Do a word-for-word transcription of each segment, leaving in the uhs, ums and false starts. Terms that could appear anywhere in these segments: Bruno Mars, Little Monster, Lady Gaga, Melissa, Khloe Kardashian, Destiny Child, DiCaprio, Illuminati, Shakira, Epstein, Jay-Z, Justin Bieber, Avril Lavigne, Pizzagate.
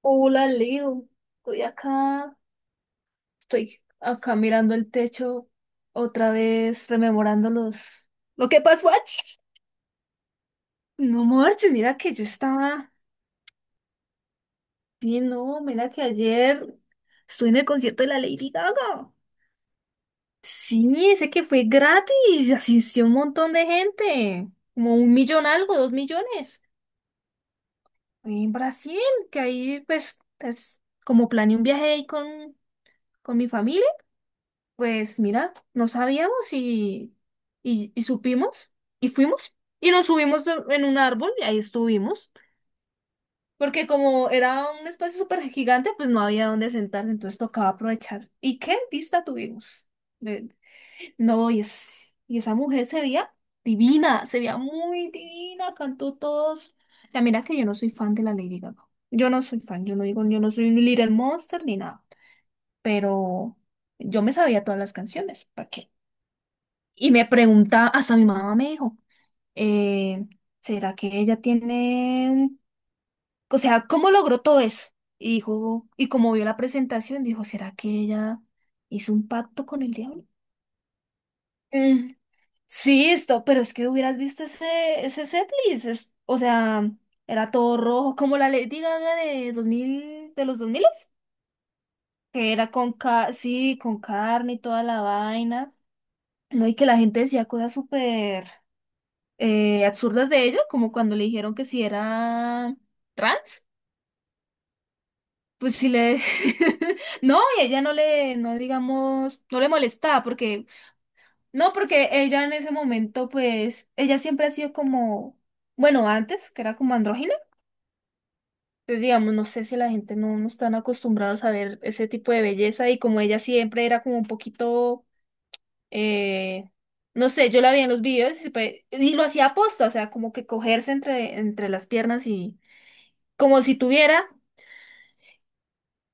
Hola, Leo. Estoy acá, estoy acá mirando el techo otra vez, rememorando los... ¿lo que pasó ayer? No marches, mira que yo estaba... Sí, no, mira que ayer estuve en el concierto de la Lady Gaga. Sí, ese que fue gratis, asistió un montón de gente, como un millón algo, dos millones. Fue en Brasil, que ahí pues es como planeé un viaje ahí con, con mi familia. Pues mira, no sabíamos y, y, y supimos y fuimos y nos subimos do- en un árbol y ahí estuvimos, porque como era un espacio súper gigante, pues no había dónde sentarse, entonces tocaba aprovechar. ¿Y qué vista tuvimos? De- No, y, es- y esa mujer se veía divina, se veía muy divina, cantó todos. O sea, mira que yo no soy fan de la Lady Gaga. Yo no soy fan, yo no digo, yo no soy un Little Monster ni nada, pero yo me sabía todas las canciones, ¿para qué? Y me preguntaba, hasta mi mamá me dijo, eh, ¿será que ella tiene, un- o sea, cómo logró todo eso? Y dijo, y como vio la presentación, dijo, ¿será que ella hizo un pacto con el diablo? Mm, sí, esto, pero es que hubieras visto ese, ese setlist, es- o sea, era todo rojo, como la Lady Gaga de dos mil, de los dos mil, que era con, ca sí, con carne y toda la vaina, ¿no? Y que la gente decía cosas súper... eh, absurdas de ello, como cuando le dijeron que si era trans, pues si le... No, y ella no le, no digamos, no le molestaba, porque, no, porque ella en ese momento, pues, ella siempre ha sido como, bueno, antes, que era como andrógina. Entonces, digamos, no sé si la gente no, no están acostumbrados a ver ese tipo de belleza y como ella siempre era como un poquito, eh, no sé, yo la vi en los videos y siempre... y lo hacía aposta, o sea, como que cogerse entre, entre las piernas y, como si tuviera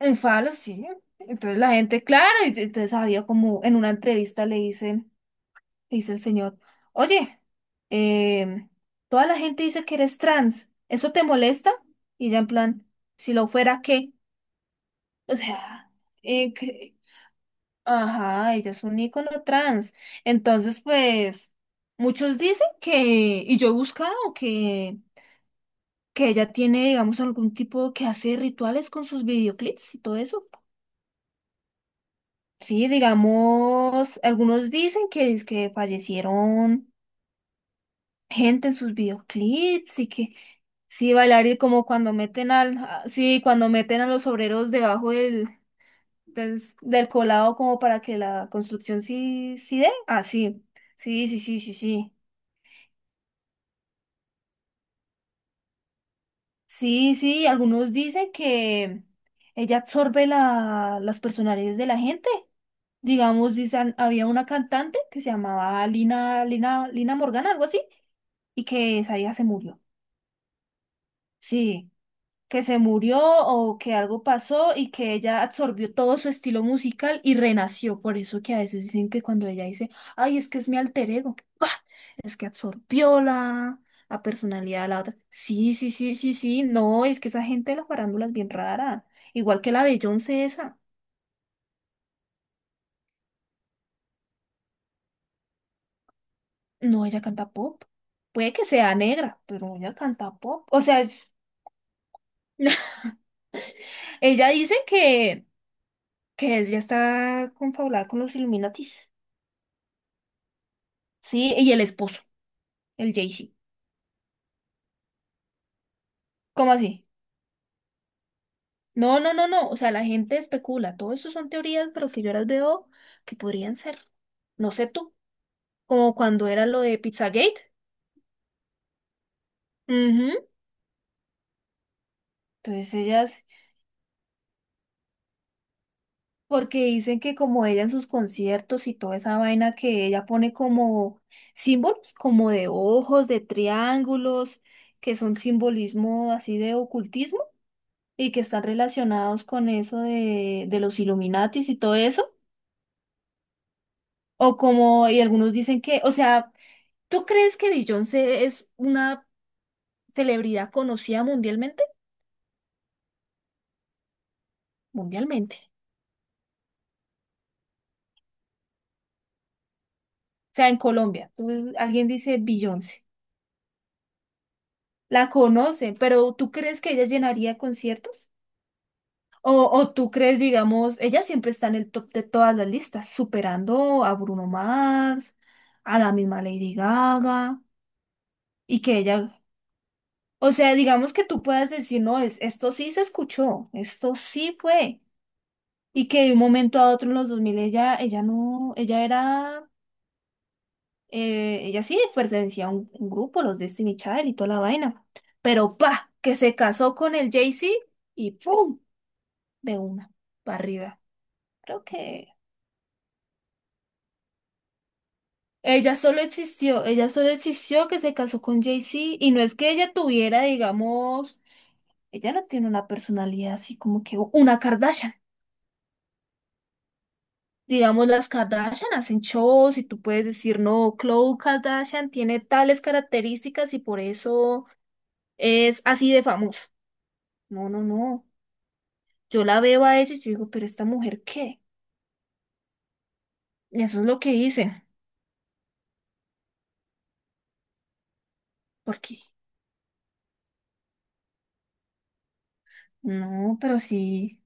un falo, sí. Entonces la gente, claro, y entonces había como en una entrevista le dicen, dice el señor, oye, em, toda la gente dice que eres trans, ¿eso te molesta? Y ella en plan, si lo fuera, ¿qué? O sea, eh, que- ajá, ella es un ícono trans. Entonces, pues, muchos dicen que, y yo he buscado que, que ella tiene, digamos, algún tipo que hace rituales con sus videoclips y todo eso. Sí, digamos, algunos dicen que, que fallecieron gente en sus videoclips y que sí, bailar y como cuando meten al, a- sí, cuando meten a los obreros debajo del, del, del colado como para que la construcción sí, sí dé. Ah, sí, sí, sí, sí, sí, sí. Sí, sí, algunos dicen que ella absorbe la, las personalidades de la gente. Digamos, dicen, había una cantante que se llamaba Lina, Lina, Lina Morgana, algo así y que esa vieja se murió. Sí, que se murió o que algo pasó y que ella absorbió todo su estilo musical y renació. Por eso que a veces dicen que cuando ella dice, ay, es que es mi alter ego, ¡pah! Es que absorbió la, la personalidad de la otra. Sí, sí, sí, sí, sí, no, es que esa gente de la farándula es bien rara. Igual que la Beyoncé esa. No, ella canta pop. Puede que sea negra, pero ella canta pop. O sea, es- ella dice que que es, ya está confabulada con los Illuminatis. Sí, y el esposo, el Jay-Z. ¿Cómo así? No, no, no, no. O sea, la gente especula. Todo eso son teorías, pero que yo las veo que podrían ser. No sé tú. Como cuando era lo de Pizzagate. Ujú. Entonces ellas, porque dicen que como ella en sus conciertos y toda esa vaina que ella pone como símbolos, como de ojos, de triángulos, que son simbolismo así de ocultismo, y que están relacionados con eso de, de los Illuminatis y todo eso, o como, y algunos dicen que, o sea, ¿tú crees que Beyoncé es una celebridad conocida mundialmente? Mundialmente. O sea, en Colombia, tú- alguien dice Beyoncé, la conocen, pero ¿tú crees que ella llenaría conciertos? O, o tú crees, digamos, ella siempre está en el top de todas las listas, superando a Bruno Mars, a la misma Lady Gaga, y que ella... O sea, digamos que tú puedas decir, no, es, esto sí se escuchó, esto sí fue. Y que de un momento a otro en los dos mil ella, ella no, ella era, eh, ella sí pertenecía a un, un grupo, los Destiny Child y toda la vaina. Pero pa, que se casó con el Jay-Z y pum, de una, para arriba. Creo que ella solo existió, ella solo existió que se casó con Jay-Z y no es que ella tuviera, digamos, ella no tiene una personalidad así como que una Kardashian. Digamos, las Kardashian hacen shows y tú puedes decir, no, Khloe Kardashian tiene tales características y por eso es así de famosa. No, no, no. Yo la veo a ella y yo digo, pero esta mujer, ¿qué? Y eso es lo que dicen. Porque, no, pero sí,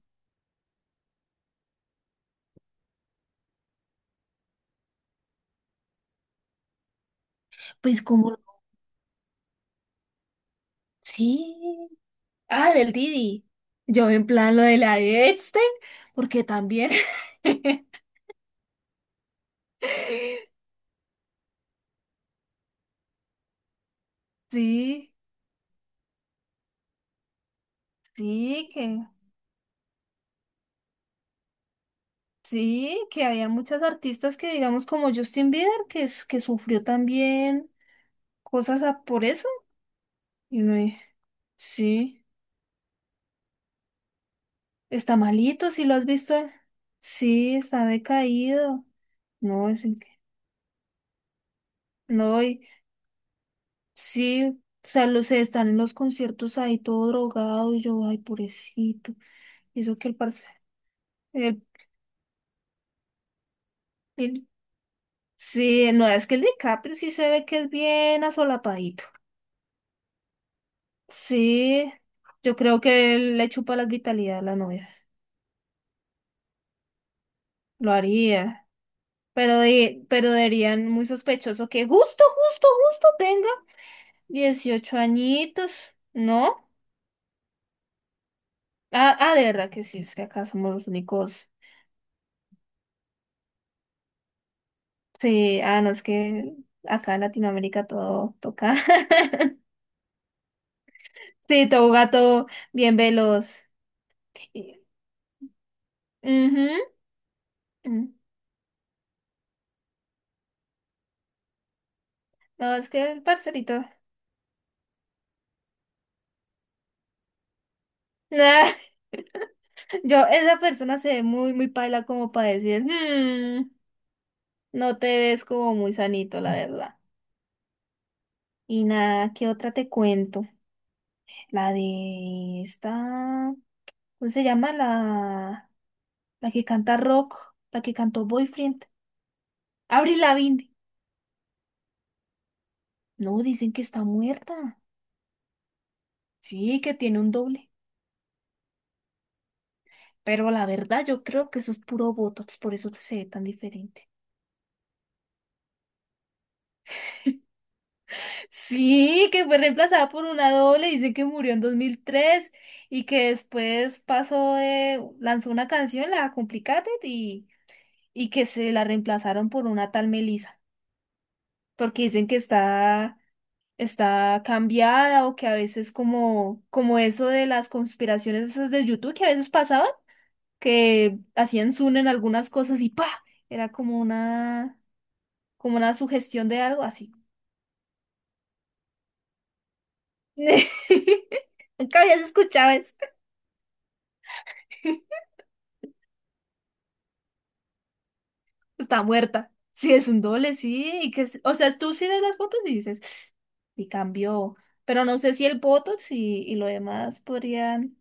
pues como, sí. Ah, del Didi. Yo en plan lo de la de Epstein, porque también. Sí, sí, que. Sí, que había muchas artistas que, digamos, como Justin Bieber, que, es- que sufrió también cosas a- por eso. Y uno, eh, sí, está malito, si lo has visto. eh, Sí, está decaído. No, es en no, y sí, o sea, los están en los conciertos ahí todo drogado y yo, ay, pobrecito. Y eso que el parce, el, el- sí, no, es que el DiCaprio sí se ve que es bien asolapadito. Sí, yo creo que él le chupa la vitalidad a la novia. Lo haría. Pero, de- pero dirían muy sospechoso que justo, justo, justo tenga dieciocho añitos, ¿no? Ah, ah, de verdad que sí, es que acá somos los únicos. Sí, ah, no, es que acá en Latinoamérica todo toca. Sí, todo gato bien veloz. Y... ujú, mm. No, es que el parcerito. Yo, esa persona se ve muy, muy paila como para decir, "Mm, no te ves como muy sanito, la verdad". Y nada, ¿qué otra te cuento? La de esta, ¿cómo se llama? La, la que canta rock, la que cantó Boyfriend. Avril Lavigne. No, dicen que está muerta. Sí, que tiene un doble. Pero la verdad, yo creo que eso es puro botox, por eso se ve tan diferente. Sí, que fue reemplazada por una doble, dice que murió en dos mil tres y que después pasó de, lanzó una canción, la Complicated, y, y que se la reemplazaron por una tal Melissa, porque dicen que está, está cambiada o que a veces como, como eso de las conspiraciones esas de YouTube que a veces pasaban, que hacían zoom en algunas cosas y pa, era como una, como una sugestión de algo así. Nunca habías escuchado eso. Está muerta. Sí, es un doble, sí. Y que, es- o sea, tú sí ves las fotos y dices, y cambió. Pero no sé si el Botox y, y lo demás podrían.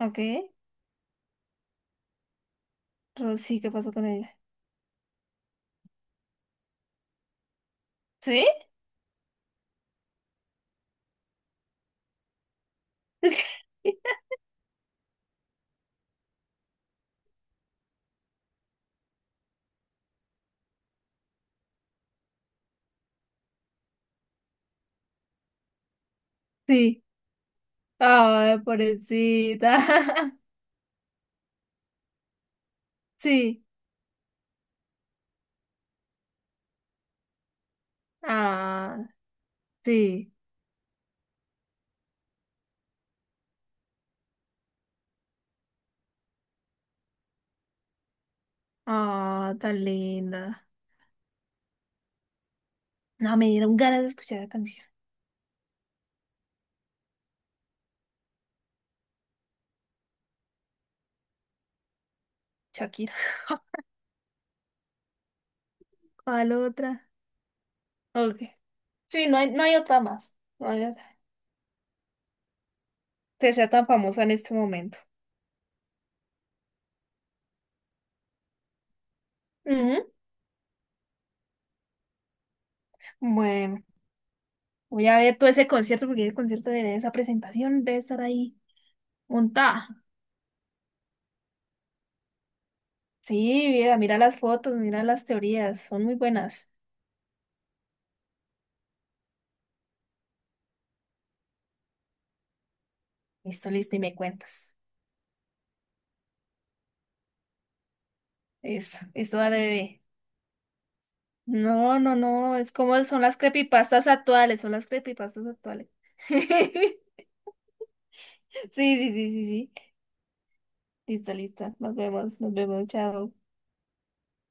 Ok. Pero sí, ¿qué pasó con ella? ¿Sí? Sí. Ay, pobrecita. Sí. Ah, sí. Ah, tan linda. No, me dieron ganas de escuchar la canción. Shakira. ¿Cuál otra? Ok. Sí, no hay, no hay otra más. No hay otra que sea tan famosa en este momento. Ujú. Bueno, voy a ver todo ese concierto porque el concierto de esa presentación debe estar ahí montada. Sí, mira, mira las fotos, mira las teorías, son muy buenas. Listo, listo, y me cuentas. Eso, eso dale, bebé. No, no, no, es como son las creepypastas actuales, son las creepypastas actuales. Sí, sí, sí, sí, sí. Listo, listo. Nos vemos, nos vemos, chao.